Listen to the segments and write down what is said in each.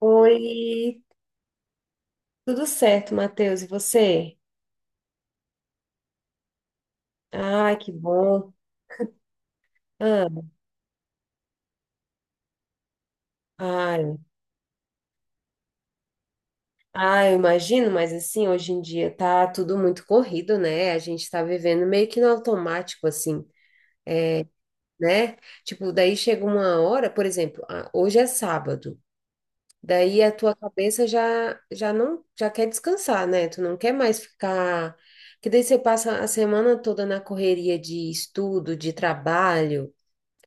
Oi, tudo certo, Matheus? E você? Ai, que bom. Ah, ai, ai, eu imagino, mas assim, hoje em dia tá tudo muito corrido, né? A gente tá vivendo meio que no automático, assim, né? Tipo, daí chega uma hora, por exemplo, ah, hoje é sábado, daí a tua cabeça já, já não, já quer descansar, né? Tu não quer mais ficar. Que daí você passa a semana toda na correria de estudo, de trabalho.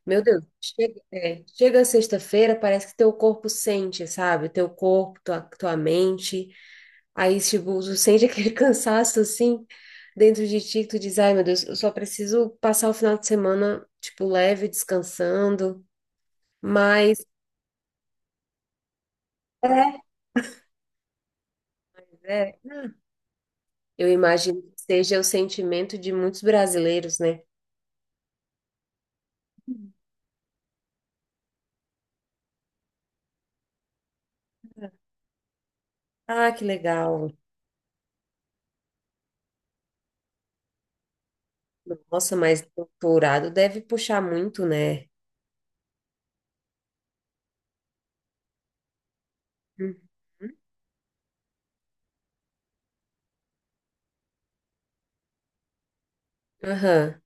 Meu Deus, chega sexta-feira, parece que teu corpo sente, sabe? Teu corpo, tua mente. Aí, tipo, tu sente aquele cansaço assim dentro de ti, que tu diz, ai, meu Deus, eu só preciso passar o final de semana, tipo, leve, descansando. Mas é, é, hum, eu imagino que seja o sentimento de muitos brasileiros, né? Ah, que legal. Nossa, mas doutorado deve puxar muito, né? Uhum. Aham.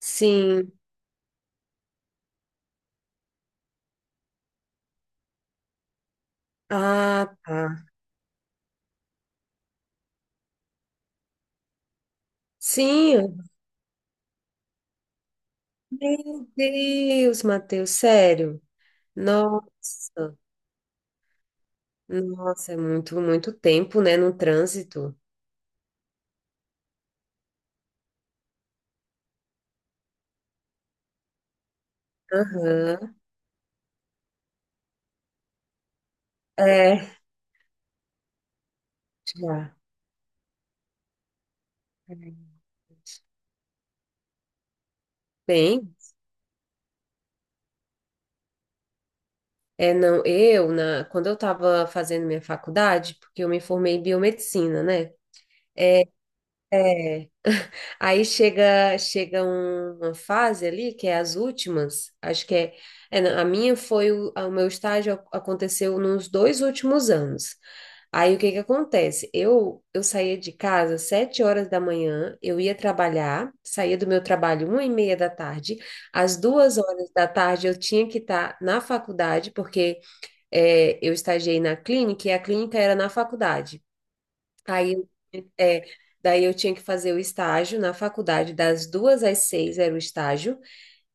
Sim. Ah, tá. Sim, eu- Meu Deus, Matheus, sério. Nossa, nossa, é muito tempo, né, no trânsito. Aham, é, já. Bem, é, não, eu, na, quando eu estava fazendo minha faculdade, porque eu me formei em biomedicina, né? É, é. Aí chega uma fase ali, que é as últimas, acho que é, é, não, a minha foi, o meu estágio aconteceu nos dois últimos anos. Aí o que que acontece? Eu saía de casa às sete horas da manhã, eu ia trabalhar, saía do meu trabalho uma e meia da tarde, às duas horas da tarde eu tinha que estar na faculdade, porque é, eu estagiei na clínica e a clínica era na faculdade. Aí, é, daí eu tinha que fazer o estágio na faculdade, das duas às seis era o estágio,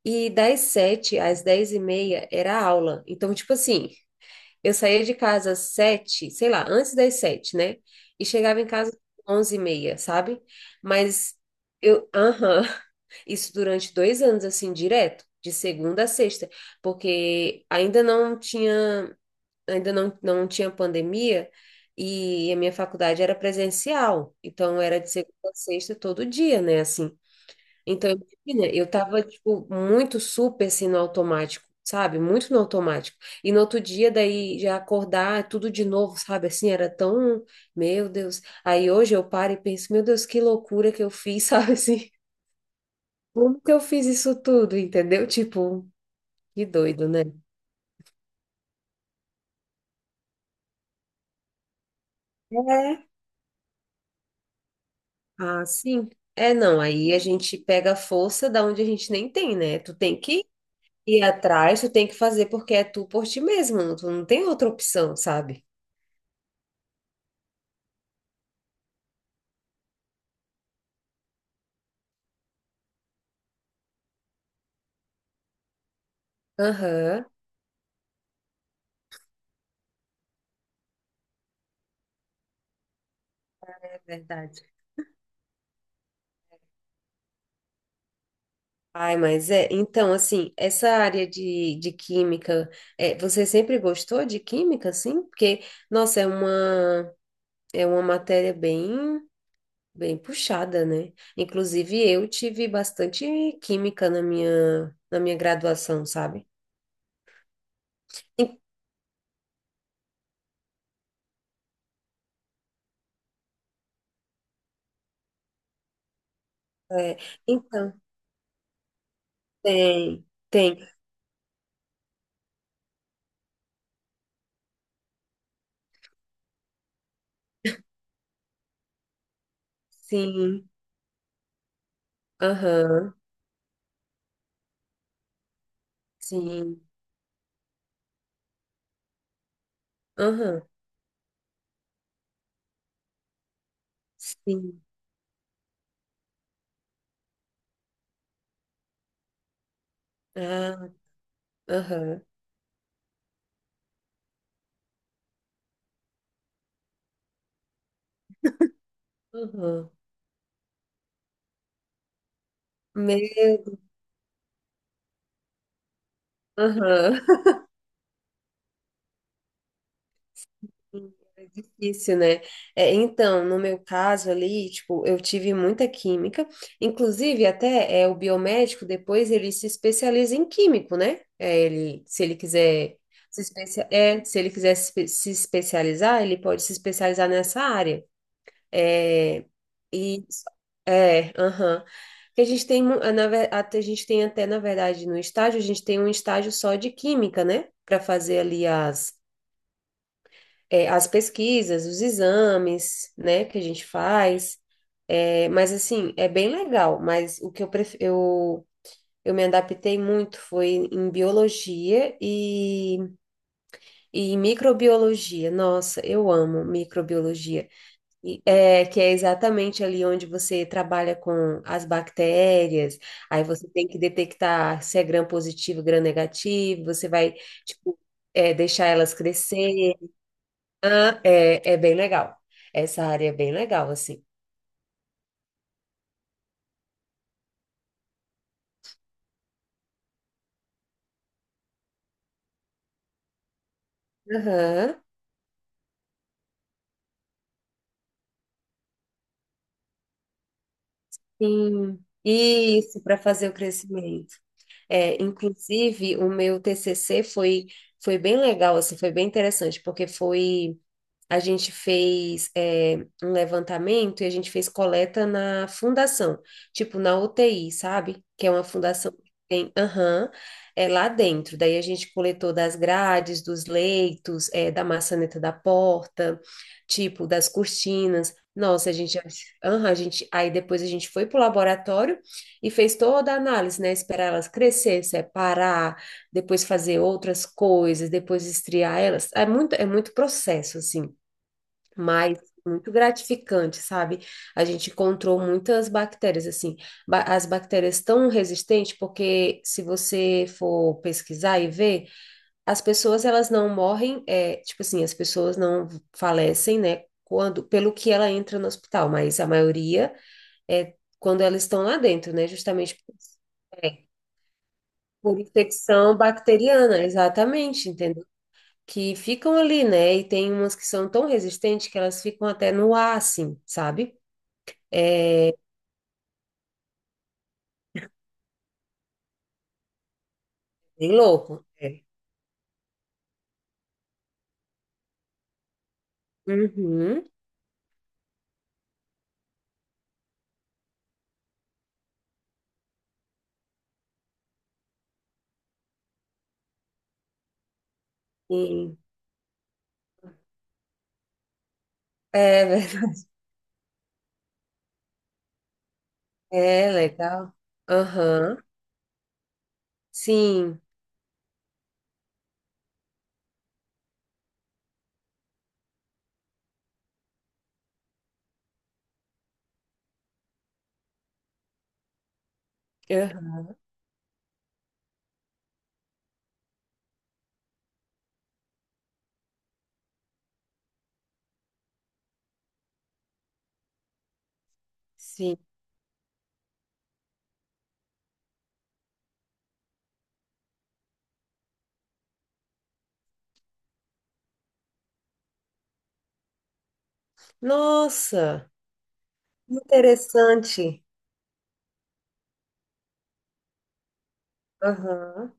e das sete às dez e meia era a aula. Então, tipo assim, eu saía de casa às sete, sei lá, antes das sete, né? E chegava em casa às onze e meia, sabe? Mas eu, aham, isso durante dois anos, assim, direto. De segunda a sexta, porque ainda não tinha pandemia e a minha faculdade era presencial, então era de segunda a sexta todo dia, né, assim. Então, imagina, eu tava, tipo, muito super, assim, no automático, sabe? Muito no automático. E no outro dia, daí, já acordar, tudo de novo, sabe? Assim, era tão... Meu Deus. Aí hoje eu paro e penso, meu Deus, que loucura que eu fiz, sabe? Assim, como que eu fiz isso tudo, entendeu? Tipo, que doido, né? É, ah, sim. É, não, aí a gente pega a força da onde a gente nem tem, né? Tu tem que ir atrás, tu tem que fazer porque é tu por ti mesmo, tu não tem outra opção, sabe? Aham, é verdade. Ai, mas é, então, assim, essa área de química, é, você sempre gostou de química, assim? Porque, nossa, é uma matéria bem, bem puxada, né? Inclusive, eu tive bastante química na minha graduação, sabe? É, então, tem, tem, sim, aham, sim, aham, sim, ah, aham, aham, meu, aham, é difícil, né? É, então, no meu caso ali, tipo, eu tive muita química, inclusive até é, o biomédico, depois ele se especializa em químico, né? É, ele, se ele quiser se especia- é, se ele quiser se espe- se especializar, ele pode se especializar nessa área. É, e é, aham. Que a gente tem, a gente tem até, na verdade, no estágio, a gente tem um estágio só de química, né? Para fazer ali as, é, as pesquisas, os exames, né? Que a gente faz. É, mas, assim, é bem legal. Mas o que eu, eu me adaptei muito foi em biologia e em microbiologia. Nossa, eu amo microbiologia. Que é exatamente ali onde você trabalha com as bactérias, aí você tem que detectar se é gram positivo, gram negativo, você vai, tipo, é, deixar elas crescer. Ah, é, é bem legal. Essa área é bem legal, assim. Aham, sim. Isso, para fazer o crescimento. É, inclusive, o meu TCC foi, foi bem legal, assim, foi bem interessante, porque foi a gente fez é, um levantamento e a gente fez coleta na fundação, tipo na UTI, sabe? Que é uma fundação que tem, aham, é lá dentro. Daí a gente coletou das grades, dos leitos, é, da maçaneta da porta, tipo das cortinas. Nossa, a gente, aham, a gente, aí depois a gente foi pro laboratório e fez toda a análise, né? Esperar elas crescer, separar, depois fazer outras coisas, depois estriar elas. É muito processo, assim. Mas muito gratificante, sabe? A gente encontrou muitas bactérias, assim, as bactérias tão resistentes, porque se você for pesquisar e ver, as pessoas elas não morrem, é, tipo assim, as pessoas não falecem, né? Quando, pelo que ela entra no hospital, mas a maioria é quando elas estão lá dentro, né? Justamente por, é, por infecção bacteriana, exatamente, que ficam ali, né? E tem umas que são tão resistentes que elas ficam até no ar, assim, sabe? Bem louco. É. Uhum. Sim. É, verdade. É legal. Aham. Sim. Aham. Sim. Nossa, interessante. Aham.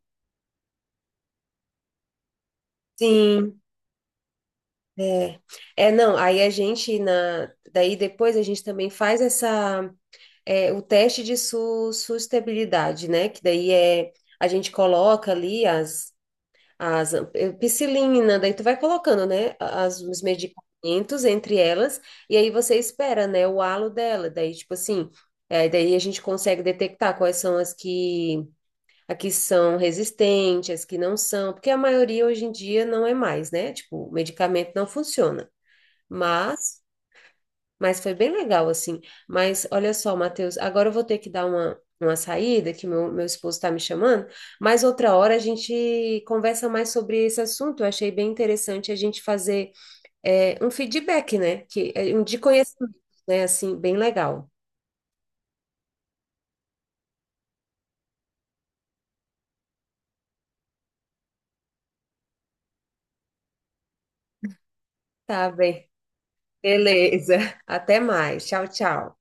Sim. É. É, não, aí a gente na daí depois a gente também faz essa é, o teste de su sustentabilidade, né? Que daí é a gente coloca ali as eh, piscilina, daí tu vai colocando, né, as, os medicamentos entre elas, e aí você espera, né, o halo dela, daí tipo assim, eh, daí a gente consegue detectar quais são as que, a que são resistentes, as que não são, porque a maioria hoje em dia não é mais, né, tipo, o medicamento não funciona, mas mas foi bem legal, assim. Mas olha só, Matheus, agora eu vou ter que dar uma saída, que meu esposo está me chamando, mas outra hora a gente conversa mais sobre esse assunto. Eu achei bem interessante a gente fazer é, um feedback, né? Que, é, um de conhecimento, né? Assim, bem legal. Tá bem. Beleza. Até mais. Tchau, tchau.